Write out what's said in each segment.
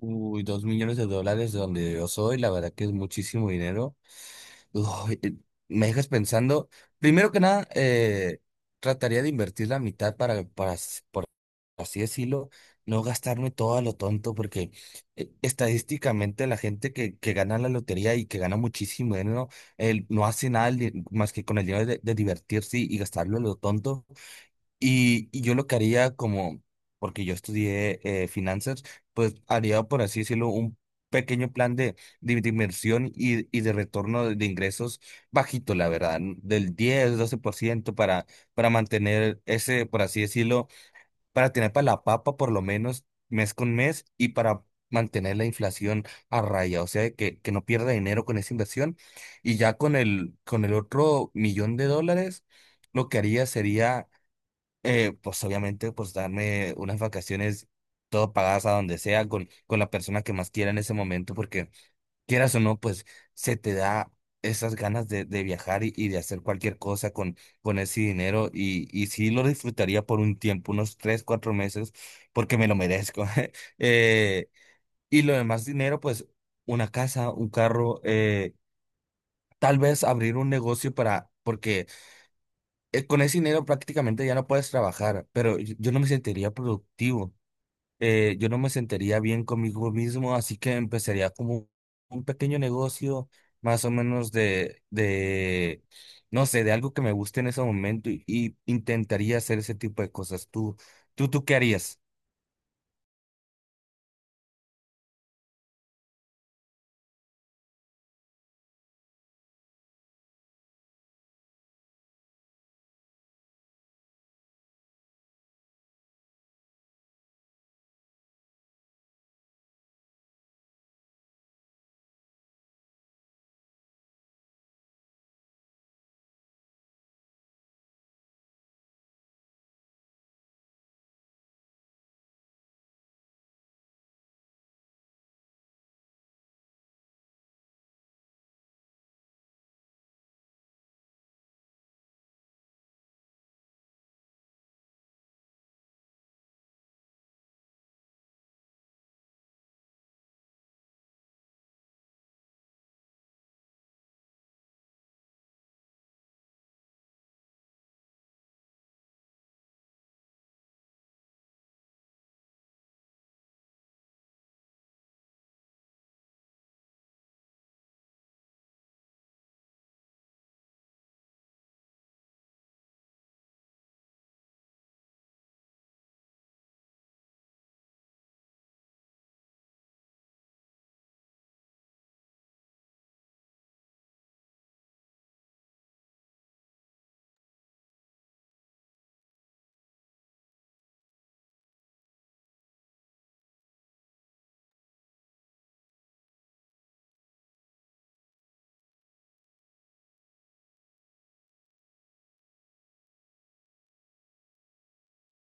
Uy, 2 millones de dólares de donde yo soy, la verdad que es muchísimo dinero. Uy, me dejas pensando, primero que nada, trataría de invertir la mitad por así decirlo, no gastarme todo a lo tonto, porque estadísticamente la gente que gana la lotería y que gana muchísimo dinero, él no hace nada más que con el dinero de divertirse y gastarlo a lo tonto. Y yo lo que haría como, porque yo estudié finanzas, pues haría, por así decirlo, un pequeño plan de inversión y de retorno de ingresos bajito, la verdad, del 10, 12% para mantener ese, por así decirlo, para tener para la papa por lo menos mes con mes y para mantener la inflación a raya, o sea, que no pierda dinero con esa inversión. Y ya con el otro millón de dólares, lo que haría sería pues obviamente, pues darme unas vacaciones todo pagadas a donde sea, con la persona que más quiera en ese momento, porque quieras o no, pues se te da esas ganas de viajar y de hacer cualquier cosa con ese dinero y sí lo disfrutaría por un tiempo, unos 3, 4 meses, porque me lo merezco. eh, y lo demás dinero, pues una casa, un carro, tal vez abrir un negocio porque con ese dinero prácticamente ya no puedes trabajar, pero yo no me sentiría productivo, yo no me sentiría bien conmigo mismo, así que empezaría como un pequeño negocio más o menos no sé, de algo que me guste en ese momento y intentaría hacer ese tipo de cosas. ¿Tú qué harías?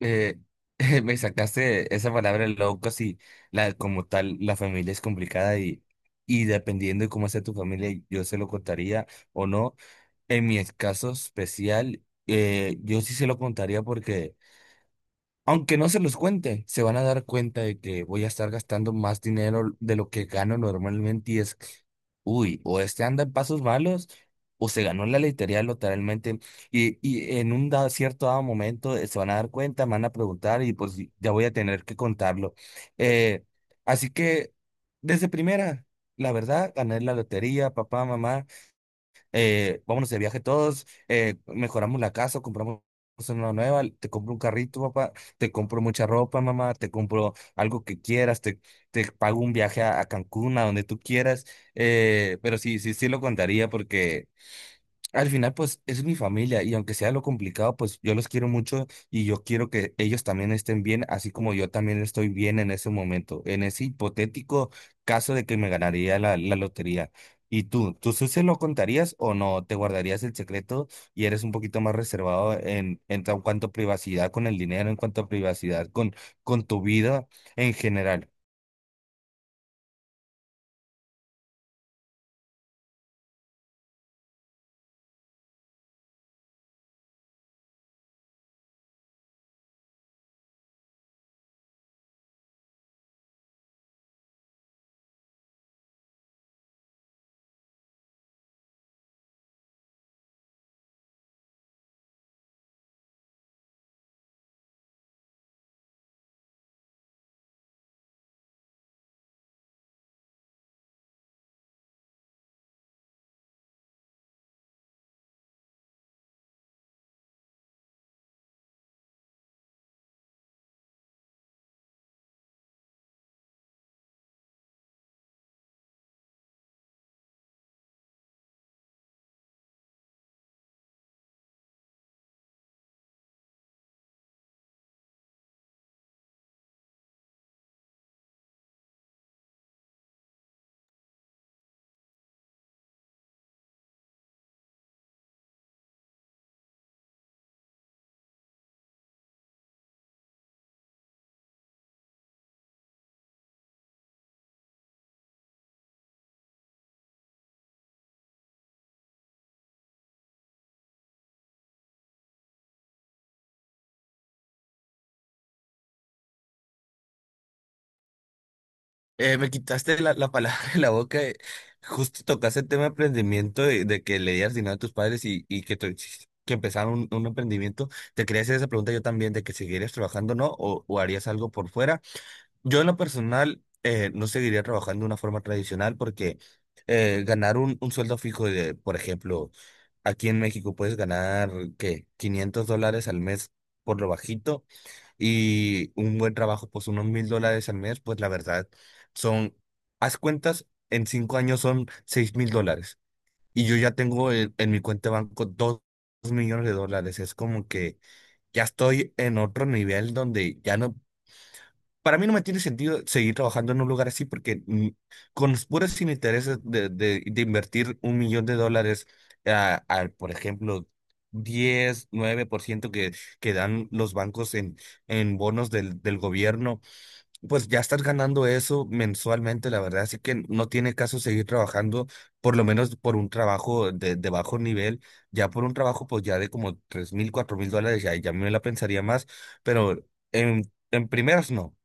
Eh, me sacaste esa palabra loco, si la, como tal, la familia es complicada y dependiendo de cómo sea tu familia, yo se lo contaría o no. En mi caso especial, yo sí se lo contaría porque, aunque no se los cuente, se van a dar cuenta de que voy a estar gastando más dinero de lo que gano normalmente y es, uy, o este anda en pasos malos o se ganó la lotería literalmente y en un cierto dado momento se van a dar cuenta, me van a preguntar y pues ya voy a tener que contarlo. Eh, así que, desde primera, la verdad, gané la lotería, papá, mamá vámonos de viaje todos, mejoramos la casa, compramos una nueva, te compro un carrito, papá, te compro mucha ropa, mamá, te compro algo que quieras, te pago un viaje a Cancún, a donde tú quieras, pero sí, sí, sí lo contaría porque... Al final, pues es mi familia y aunque sea lo complicado, pues yo los quiero mucho y yo quiero que ellos también estén bien, así como yo también estoy bien en ese momento, en ese hipotético caso de que me ganaría la lotería. ¿Y tú sí se lo contarías o no? ¿Te guardarías el secreto y eres un poquito más reservado en tan cuanto a privacidad con el dinero, en cuanto a privacidad con tu vida en general? Me quitaste la palabra de la boca. Justo tocaste el tema de emprendimiento, de que leías dinero a tus padres y que empezaron un emprendimiento. Te quería hacer esa pregunta yo también, de que seguirías trabajando, ¿no? O harías algo por fuera. Yo en lo personal no seguiría trabajando de una forma tradicional porque ganar un sueldo fijo de, por ejemplo, aquí en México puedes ganar, ¿qué? $500 al mes por lo bajito y un buen trabajo, pues unos $1,000 al mes, pues la verdad son, haz cuentas, en 5 años son $6,000. Y yo ya tengo en mi cuenta de banco 2 millones de dólares. Es como que ya estoy en otro nivel donde ya no para mí no me tiene sentido seguir trabajando en un lugar así porque con los puros sin intereses de invertir 1 millón de dólares al, por ejemplo, diez 9% que dan los bancos en bonos del gobierno, pues ya estás ganando eso mensualmente, la verdad. Así que no tiene caso seguir trabajando, por lo menos por un trabajo de bajo nivel. Ya por un trabajo, pues ya de como 3,000, $4,000, ya me la pensaría más, pero en primeras no.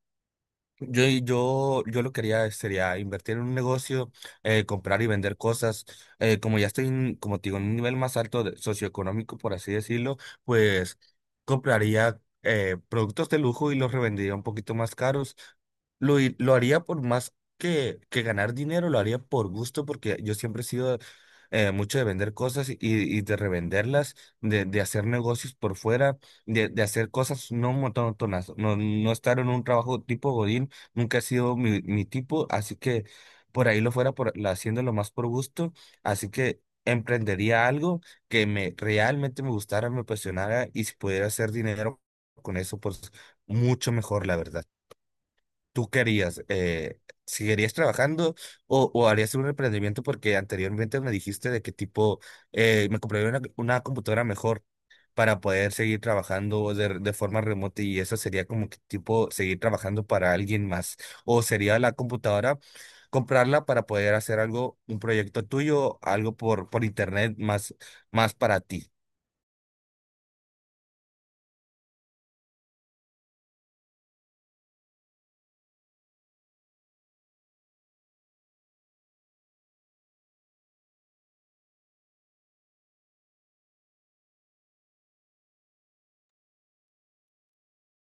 Yo lo quería sería invertir en un negocio, comprar y vender cosas. Como ya estoy, como te digo, en un nivel más alto de- socioeconómico, por así decirlo, pues compraría productos de lujo y los revendería un poquito más caros. Lo haría por más que ganar dinero, lo haría por gusto, porque yo siempre he sido mucho de vender cosas y de revenderlas, de hacer negocios por fuera, de hacer cosas no monótonas, no, no estar en un trabajo tipo Godín. Nunca ha sido mi tipo, así que por ahí lo fuera por, haciéndolo más por gusto, así que emprendería algo que me realmente me gustara, me apasionara y si pudiera hacer dinero con eso, pues mucho mejor, la verdad. ¿Tú querías, seguirías trabajando o harías un emprendimiento? Porque anteriormente me dijiste de qué tipo, me compraría una computadora mejor para poder seguir trabajando de forma remota y eso sería como que tipo seguir trabajando para alguien más. O sería la computadora, comprarla para poder hacer algo, un proyecto tuyo, algo por internet más, más para ti.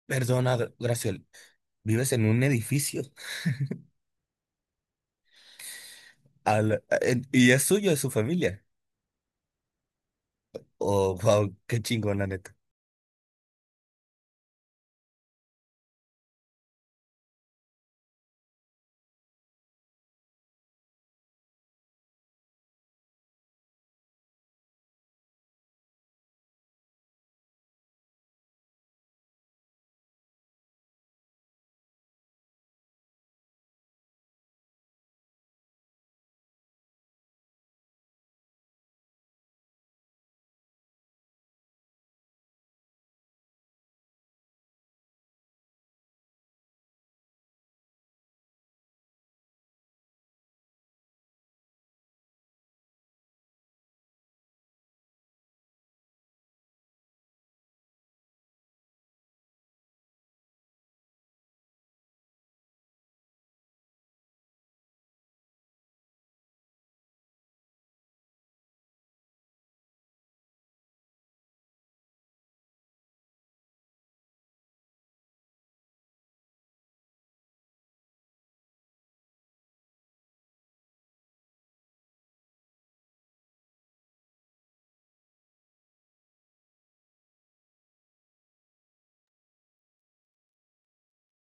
Perdona, Graciel, vives en un edificio. Y es suyo, es su familia. Oh, wow, qué chingón, la neta.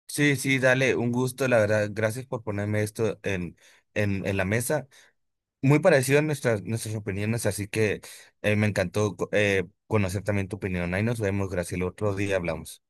Sí, sí, dale, un gusto, la verdad. Gracias por ponerme esto en la mesa. Muy parecido a nuestras opiniones, así que me encantó conocer también tu opinión. Ahí nos vemos, Graciela. Otro día hablamos.